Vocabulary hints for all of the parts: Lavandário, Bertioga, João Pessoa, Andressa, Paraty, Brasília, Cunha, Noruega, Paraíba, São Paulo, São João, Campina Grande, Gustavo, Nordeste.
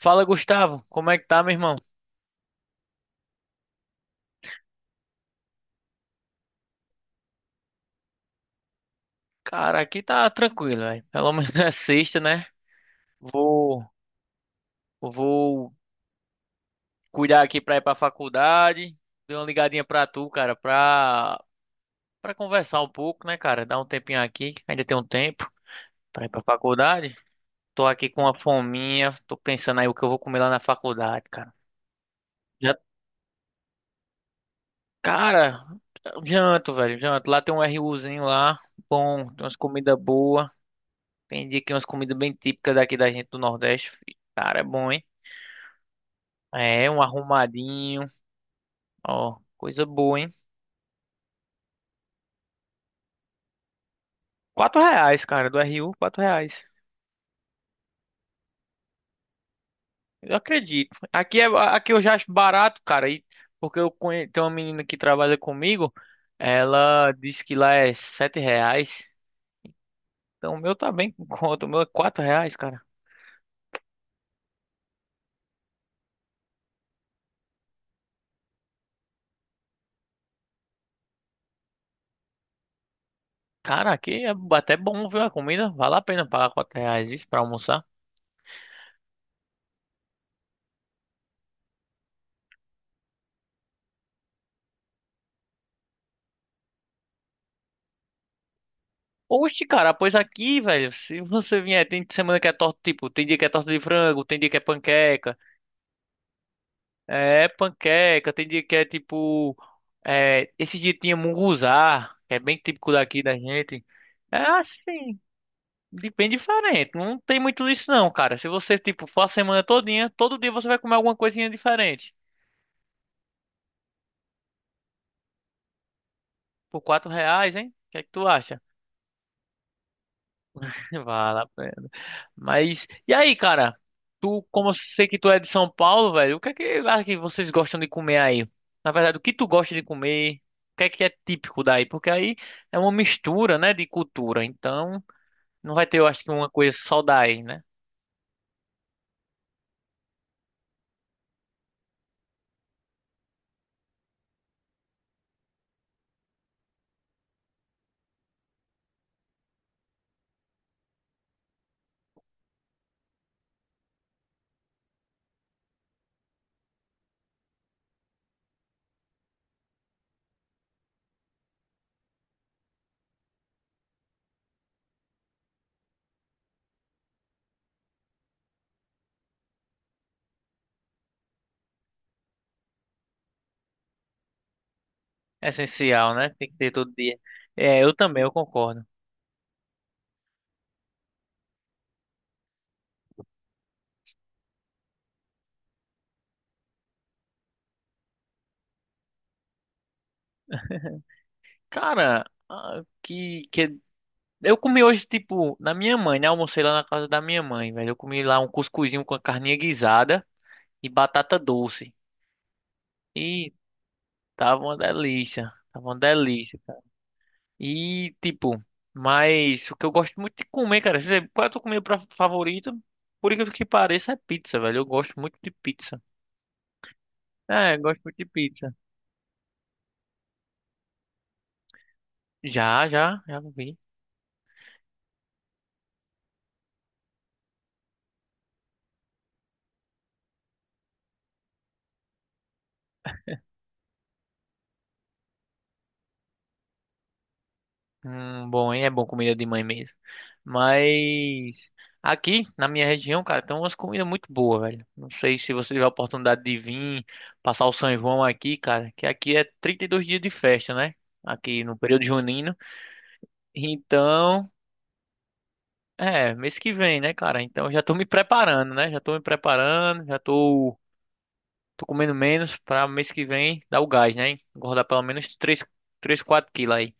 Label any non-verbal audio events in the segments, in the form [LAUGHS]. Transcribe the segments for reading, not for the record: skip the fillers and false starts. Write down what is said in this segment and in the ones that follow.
Fala, Gustavo. Como é que tá, meu irmão? Cara, aqui tá tranquilo, velho. Pelo [LAUGHS] menos é sexta, né? Vou, vou cuidar aqui pra ir pra faculdade. Dei uma ligadinha pra tu, cara, pra conversar um pouco, né, cara? Dar um tempinho aqui, que ainda tem um tempo pra ir pra faculdade. Tô aqui com uma fominha. Tô pensando aí o que eu vou comer lá na faculdade, cara. Já, cara, janto, velho, janto. Lá tem um RUzinho lá, bom, tem umas comidas boas. Vendi aqui umas comidas bem típicas daqui da gente do Nordeste. Fi. Cara, é bom, hein? É, um arrumadinho. Ó, coisa boa, hein? 4 reais, cara, do RU, 4 reais. Eu acredito. Aqui, é, aqui eu já acho barato, cara. E, tenho uma menina que trabalha comigo. Ela disse que lá é 7 reais. Então o meu tá bem com conta. O meu é 4 reais, cara. Cara, aqui é até bom, viu? A comida vale a pena pagar 4 reais isso pra almoçar. Oxe, cara, pois aqui, velho, se você vier, tem semana que é torta, tipo, tem dia que é torta de frango, tem dia que é panqueca, tem dia que é tipo, é, esse dia tinha munguzá, que é bem típico daqui da gente. É assim, bem diferente, não tem muito isso não, cara. Se você, tipo, for a semana todinha, todo dia você vai comer alguma coisinha diferente. Por 4 reais, hein? O que é que tu acha? [LAUGHS] Vale a pena. Mas, e aí, cara? Tu, como eu sei que tu é de São Paulo, velho, o que é que, ah, que vocês gostam de comer aí? Na verdade, o que tu gosta de comer? O que é típico daí? Porque aí é uma mistura, né, de cultura. Então, não vai ter, eu acho que uma coisa só daí, né? É essencial, né? Tem que ter todo dia. É, eu também, eu concordo. Cara, ah, eu comi hoje, tipo, na minha mãe, né? Almocei lá na casa da minha mãe, velho. Eu comi lá um cuscuzinho com a carninha guisada e batata doce. E Tava uma delícia. Tava uma delícia. E, tipo, mas o que eu gosto muito de comer, cara. Você, qual é o tua comida favorita? Por incrível que pareça, é pizza, velho. Eu gosto muito de pizza. É, eu gosto muito de pizza. Já, já, já vi. Bom, hein? É bom comida de mãe mesmo. Mas aqui na minha região, cara, tem umas comidas muito boas, velho. Não sei se você tiver a oportunidade de vir passar o São João aqui, cara, que aqui é 32 dias de festa, né? Aqui no período junino. Então, é, mês que vem, né, cara? Então eu já tô me preparando, né? Já tô me preparando, tô comendo menos pra mês que vem dar o gás, né? Engordar pelo menos 3, 4 quilos aí.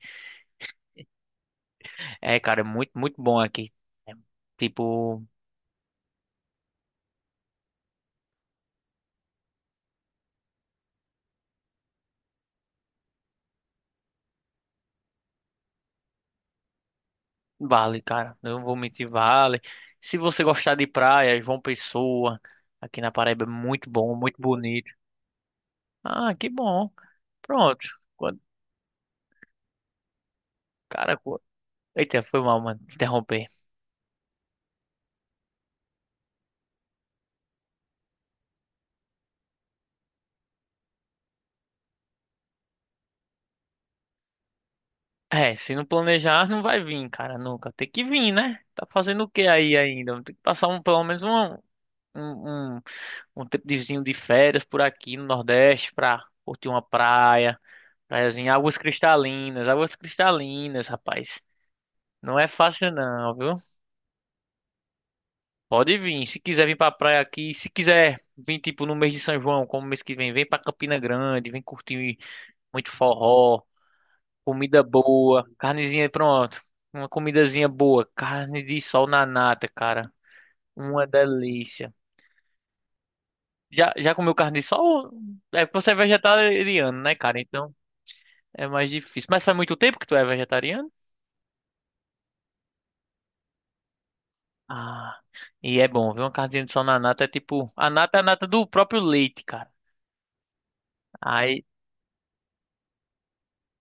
É, cara, é muito, muito bom aqui. É, tipo, vale, cara. Não vou mentir, vale. Se você gostar de praia, João Pessoa, aqui na Paraíba é muito bom, muito bonito. Ah, que bom. Pronto. Cara, co- eita, foi mal, mano. Interromper. É, se não planejar, não vai vir, cara, nunca. Tem que vir, né? Tá fazendo o que aí ainda? Tem que passar um, pelo menos um, um, um tempozinho de férias por aqui no Nordeste pra curtir uma praia, praiazinha, águas cristalinas, rapaz. Não é fácil não, viu? Pode vir, se quiser vir pra praia aqui, se quiser vir tipo no mês de São João, como mês que vem, vem pra Campina Grande, vem curtir muito forró. Comida boa, carnezinha, pronto. Uma comidazinha boa, carne de sol na nata, cara. Uma delícia. Já, já comeu carne de sol? É porque você é vegetariano, né, cara? Então é mais difícil. Mas faz muito tempo que tu é vegetariano? Ah, e é bom, viu? Uma carninha de sol na nata é tipo. A nata é a nata do próprio leite, cara. Aí,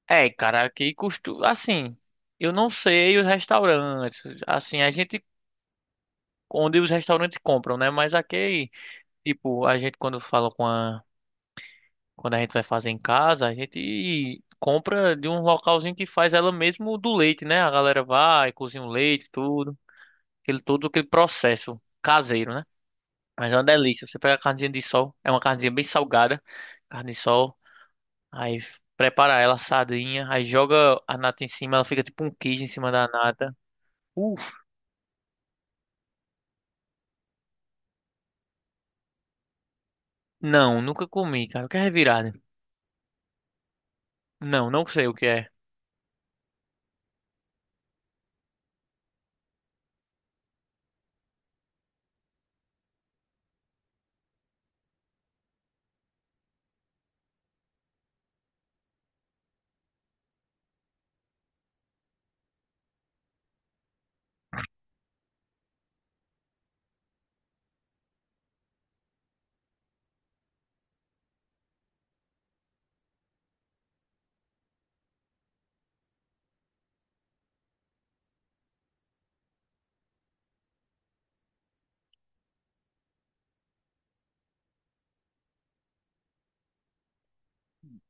cara, aqui costuma. Assim, eu não sei os restaurantes. Assim, a gente. Onde os restaurantes compram, né? Mas aqui. Tipo, a gente quando fala com a. Quando a gente vai fazer em casa, a gente compra de um localzinho que faz ela mesmo do leite, né? A galera vai, cozinha o leite, tudo. Aquele, todo aquele processo caseiro, né? Mas é uma delícia. Você pega a carnezinha de sol, é uma carnezinha bem salgada, carne de sol, aí prepara ela assadinha, aí joga a nata em cima, ela fica tipo um queijo em cima da nata. Uf, não, nunca comi, cara. O que é revirada? Não, não sei o que é.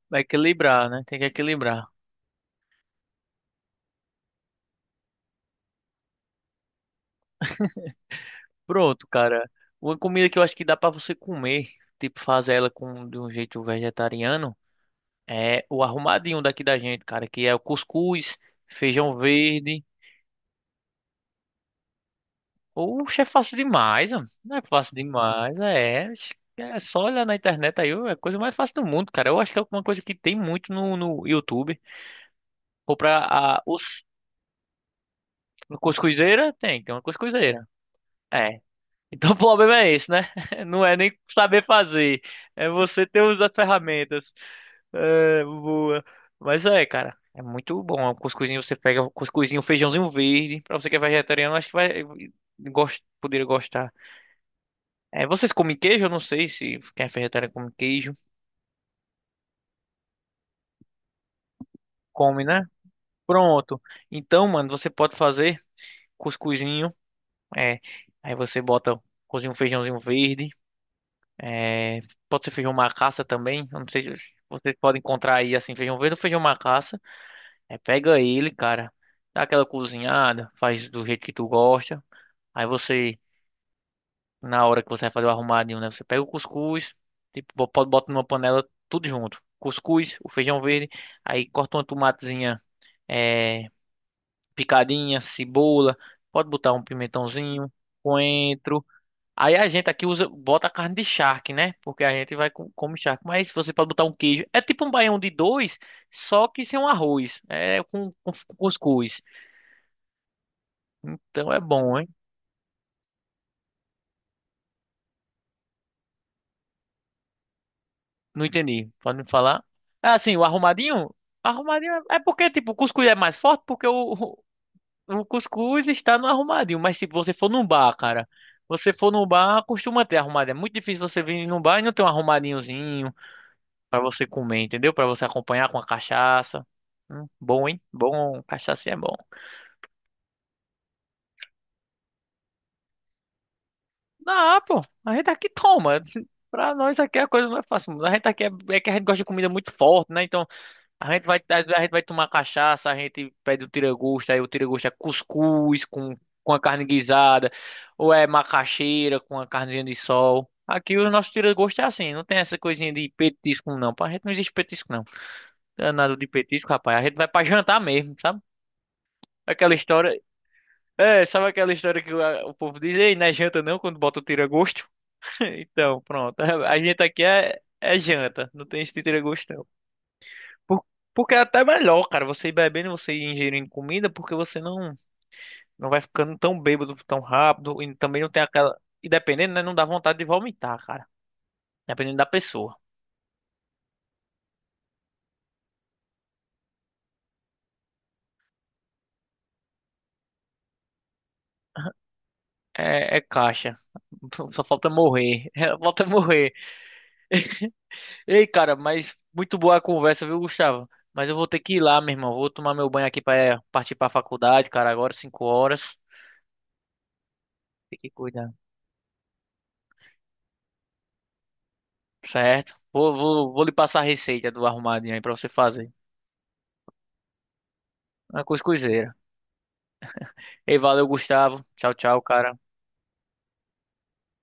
Vai equilibrar, né? Tem que equilibrar. Pronto, cara. Uma comida que eu acho que dá pra você comer, tipo fazer ela com de um jeito vegetariano, é o arrumadinho daqui da gente, cara, que é o cuscuz, feijão verde. Oxe, é fácil demais, ó. Não é fácil demais, é. Acho que é só olhar na internet aí, é a coisa mais fácil do mundo, cara. Eu acho que é uma coisa que tem muito no YouTube. Ou pra a, os, cuscuzeira, tem uma cuscuzeira. É. Então [LAUGHS] o problema é esse, né? [LAUGHS] Não é nem saber fazer, é você ter as ferramentas. É, boa. Mas é, cara, é muito bom. O cuscuzinho você pega o cuscuzinho, o feijãozinho verde, pra você que é vegetariano, acho que vai poderia gostar. É, vocês comem queijo? Eu não sei se quem é vegetariano come queijo. Come, né? Pronto. Então, mano, você pode fazer cuscuzinho, é, aí você bota cozinha um feijãozinho verde. É, pode ser feijão macaça também. Eu não sei se vocês podem encontrar aí assim, feijão verde ou feijão macaça. É, pega ele, cara. Dá aquela cozinhada, faz do jeito que tu gosta. Aí você, na hora que você vai fazer o arrumadinho, né? Você pega o cuscuz, tipo, pode bota numa panela tudo junto. Cuscuz, o feijão verde, aí corta uma tomatezinha, é, picadinha, cebola, pode botar um pimentãozinho, coentro. Aí a gente aqui usa, bota carne de charque, né? Porque a gente vai com, come charque. Mas você pode botar um queijo. É tipo um baião de dois, só que sem um arroz. É com cuscuz. Então é bom, hein? Não entendi. Pode me falar? Ah, sim, o arrumadinho? Arrumadinho é porque, tipo, o cuscuz é mais forte porque o cuscuz está no arrumadinho. Mas se você for num bar, cara, você for num bar, costuma ter arrumadinho. É muito difícil você vir num bar e não ter um arrumadinhozinho. Pra você comer, entendeu? Pra você acompanhar com a cachaça. Bom, hein? Bom, cachaça é bom. Ah, pô, a gente aqui toma. [LAUGHS] Pra nós aqui a coisa não é fácil. A gente aqui é, é que a gente gosta de comida muito forte, né? Então a gente vai, a gente vai tomar cachaça, a gente pede o tira-gosto, aí o tira-gosto é cuscuz com a carne guisada, ou é macaxeira com a carninha de sol. Aqui o nosso tira-gosto é assim, não tem essa coisinha de petisco, não. Pra gente não existe petisco, não. Danado de petisco, rapaz. A gente vai pra jantar mesmo, sabe? Aquela história. É, sabe aquela história que o povo diz, ei, não é janta não, quando bota o tira-gosto? [LAUGHS] Então, pronto. A gente aqui é, é janta, não tem esse tira-gosto não. Por- porque é até melhor, cara, você ir bebendo, você ir ingerindo comida, porque você não, não vai ficando tão bêbado tão rápido e também não tem aquela... E dependendo, né, não dá vontade de vomitar, cara. Dependendo da pessoa. É, é caixa. [LAUGHS] Só falta morrer. [LAUGHS] Falta morrer. Ei, cara, mas muito boa a conversa, viu, Gustavo? Mas eu vou ter que ir lá, meu irmão. Vou tomar meu banho aqui para partir para a faculdade, cara. Agora, 5 horas. Tem que cuidar, certo? Vou lhe passar a receita do arrumadinho aí pra você fazer. Uma cuscuzeira. Ei, valeu, Gustavo. Tchau, tchau, cara.